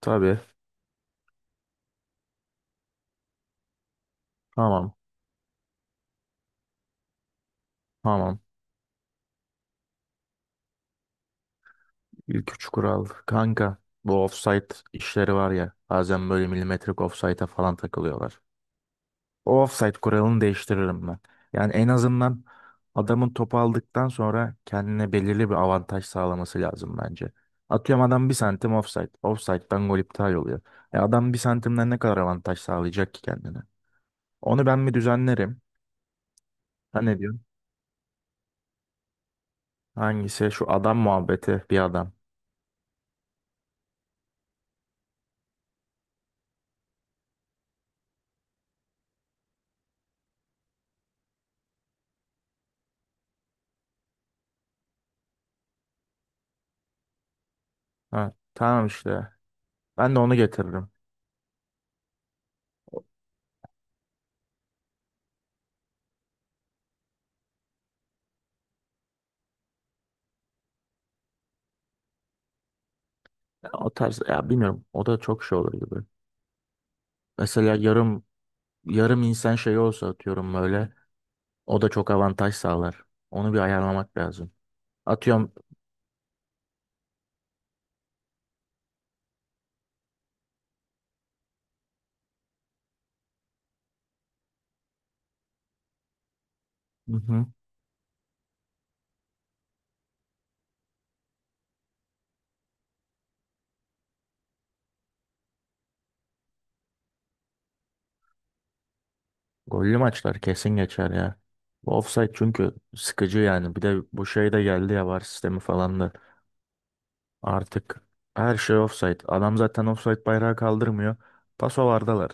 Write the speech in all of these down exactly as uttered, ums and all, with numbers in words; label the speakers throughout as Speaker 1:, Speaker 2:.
Speaker 1: Tabii. Tamam. Tamam. İlk üç kural. Kanka bu offside işleri var ya. Bazen böyle milimetrik offside'a falan takılıyorlar. O offside kuralını değiştiririm ben. Yani en azından adamın topu aldıktan sonra kendine belirli bir avantaj sağlaması lazım bence. Atıyorum adam bir santim offside. Offside'dan gol iptal oluyor. E adam bir santimden ne kadar avantaj sağlayacak ki kendine? Onu ben mi düzenlerim? Ha, ne diyorsun? Hangisi? Şu adam muhabbeti bir adam. Ha, tamam işte. Ben de onu getiririm. Ya o tarz ya bilmiyorum, o da çok şey olur gibi. Mesela yarım yarım insan şeyi olsa atıyorum böyle o da çok avantaj sağlar. Onu bir ayarlamak lazım. Atıyorum hı hı, gollü maçlar kesin geçer ya. Bu offside çünkü sıkıcı yani. Bir de bu şey de geldi ya, VAR sistemi falan da artık her şey offside. Adam zaten offside bayrağı kaldırmıyor. Paso vardalar.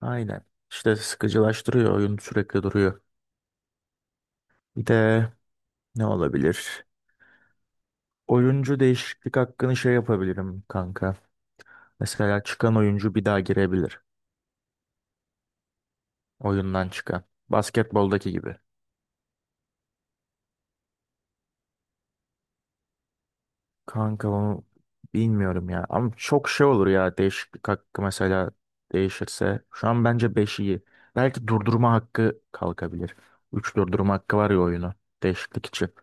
Speaker 1: Aynen. İşte sıkıcılaştırıyor, oyun sürekli duruyor. Bir de ne olabilir? Oyuncu değişiklik hakkını şey yapabilirim kanka. Mesela çıkan oyuncu bir daha girebilir. Oyundan çıkan. Basketboldaki gibi. Kanka onu bilmiyorum ya. Ama çok şey olur ya değişiklik hakkı mesela değişirse. Şu an bence beş iyi. Belki durdurma hakkı kalkabilir. üç durdurma hakkı var ya oyunu. Değişiklik için.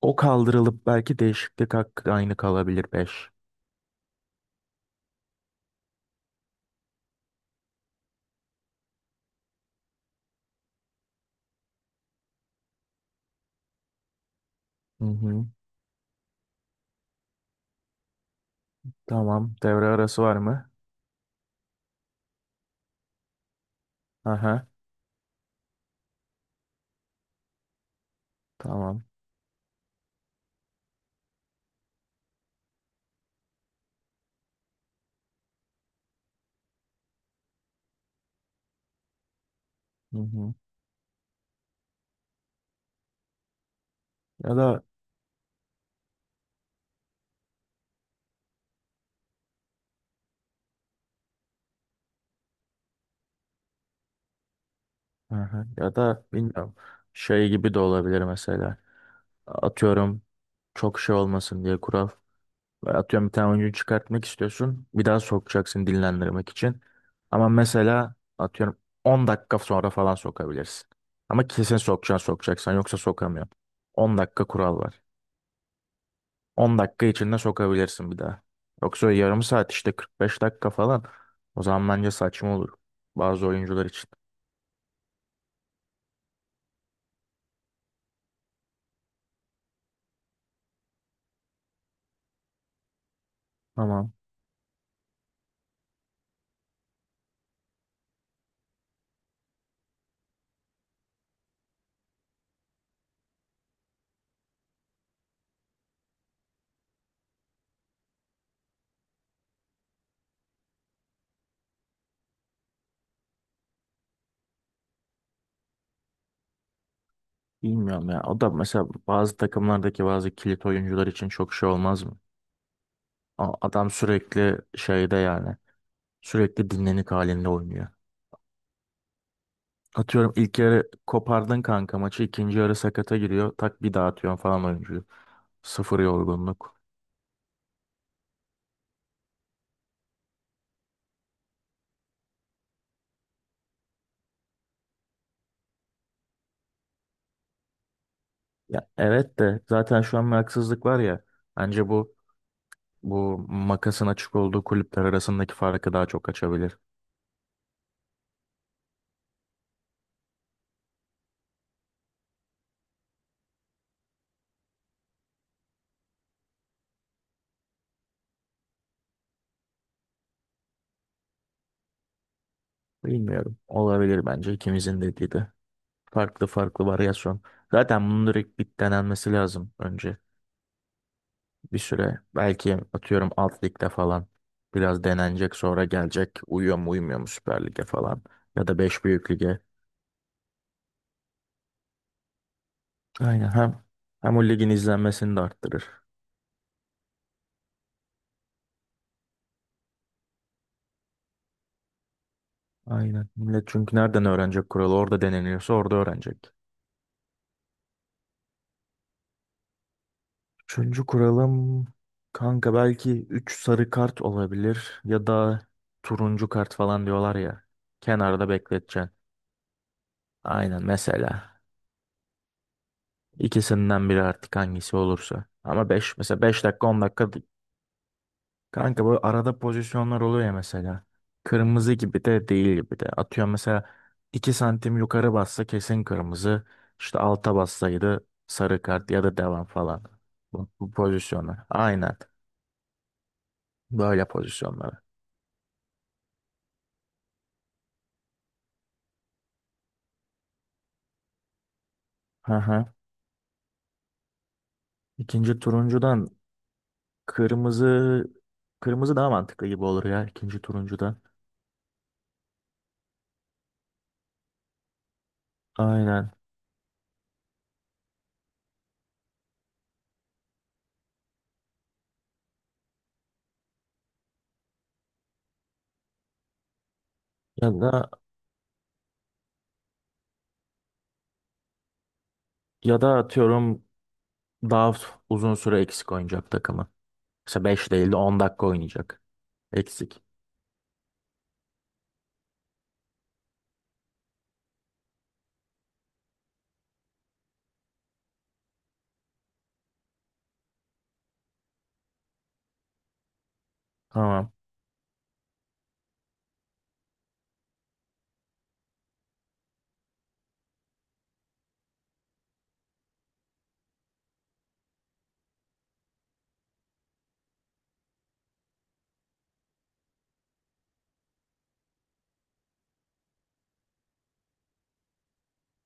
Speaker 1: O kaldırılıp belki değişiklik hakkı aynı kalabilir beş. Hı hı. Tamam. Devre arası var mı? Aha. Tamam. Hı hı. Ya da hı hı. Ya da bilmiyorum, şey gibi de olabilir mesela. Atıyorum çok şey olmasın diye kural. Atıyorum bir tane oyuncu çıkartmak istiyorsun. Bir daha sokacaksın dinlendirmek için. Ama mesela atıyorum on dakika sonra falan sokabilirsin. Ama kesin sokacaksın sokacaksan, yoksa sokamıyorsun. on dakika kural var. on dakika içinde sokabilirsin bir daha. Yoksa yarım saat işte kırk beş dakika falan. O zaman bence saçma olur bazı oyuncular için. Tamam. Bilmiyorum ya. O da mesela bazı takımlardaki bazı kilit oyuncular için çok şey olmaz mı? A- Adam sürekli şeyde yani. Sürekli dinlenik halinde oynuyor. Atıyorum ilk yarı kopardın kanka maçı. İkinci yarı sakata giriyor. Tak bir daha atıyorsun falan oyuncuyu. Sıfır yorgunluk. Ya evet de zaten şu an bir haksızlık var ya. Bence bu bu makasın açık olduğu kulüpler arasındaki farkı daha çok açabilir. Bilmiyorum. Olabilir bence ikimizin dediği de. Farklı farklı varyasyon. Zaten bunun direkt bit denenmesi lazım önce bir süre. Belki atıyorum alt ligde falan biraz denenecek, sonra gelecek uyuyor mu uymuyor mu Süper Lig'e falan ya da beş büyük lige. Aynen hem hem o ligin izlenmesini de arttırır. Aynen. Millet çünkü nereden öğrenecek kuralı? Orada deneniyorsa orada öğrenecek. Üçüncü kuralım kanka belki üç sarı kart olabilir ya da turuncu kart falan diyorlar ya. Kenarda bekleteceksin. Aynen mesela. İkisinden biri artık hangisi olursa. Ama beş mesela, beş dakika on dakika kanka, böyle arada pozisyonlar oluyor ya mesela. Kırmızı gibi de değil gibi de. Atıyorum mesela iki santim yukarı bassa kesin kırmızı. İşte alta bassaydı sarı kart ya da devam falan. Bu, bu pozisyonlar. Aynen. Böyle pozisyonlar. Hı hı. İkinci turuncudan kırmızı kırmızı daha mantıklı gibi olur ya ikinci turuncudan. Aynen. Ya da ya da atıyorum daha uzun süre eksik oynayacak takımı. Mesela beş değil de on dakika oynayacak. Eksik. Tamam.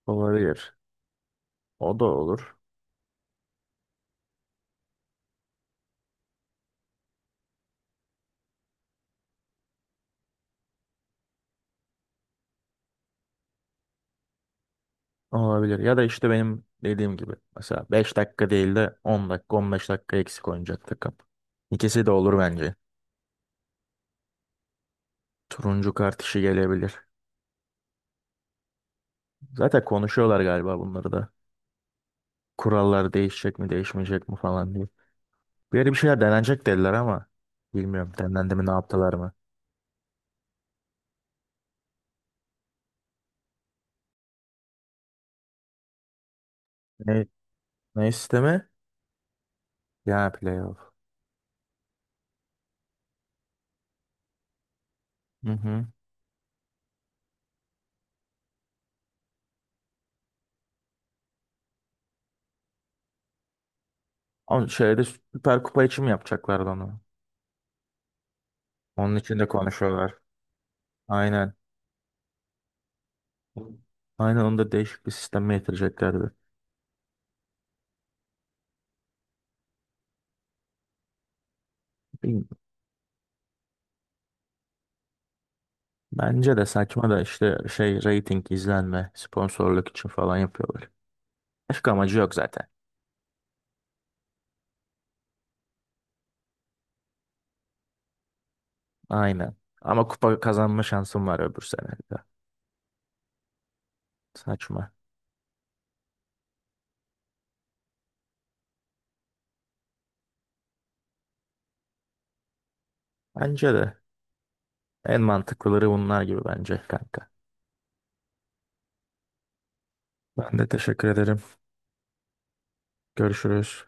Speaker 1: Olabilir. O da olur. Olabilir. Ya da işte benim dediğim gibi. Mesela beş dakika değil de on dakika on beş dakika eksik oynayacak takım. İkisi de olur bence. Turuncu kart işi gelebilir. Zaten konuşuyorlar galiba bunları da. Kurallar değişecek mi değişmeyecek mi falan diye. Bir yere bir şeyler denenecek dediler ama bilmiyorum denendi mi ne yaptılar mı. Ne, ne isteme? Ya playoff. Hı hı. Ama şeyde Süper Kupa için mi yapacaklardı onu? Onun için de konuşuyorlar. Aynen. Aynen onu da değişik bir sisteme getireceklerdi. Bilmiyorum. Bence de saçma, da işte şey reyting izlenme sponsorluk için falan yapıyorlar. Başka amacı yok zaten. Aynen. Ama kupa kazanma şansım var öbür sene de. Saçma. Bence de en mantıklıları bunlar gibi bence kanka. Ben de teşekkür ederim. Görüşürüz.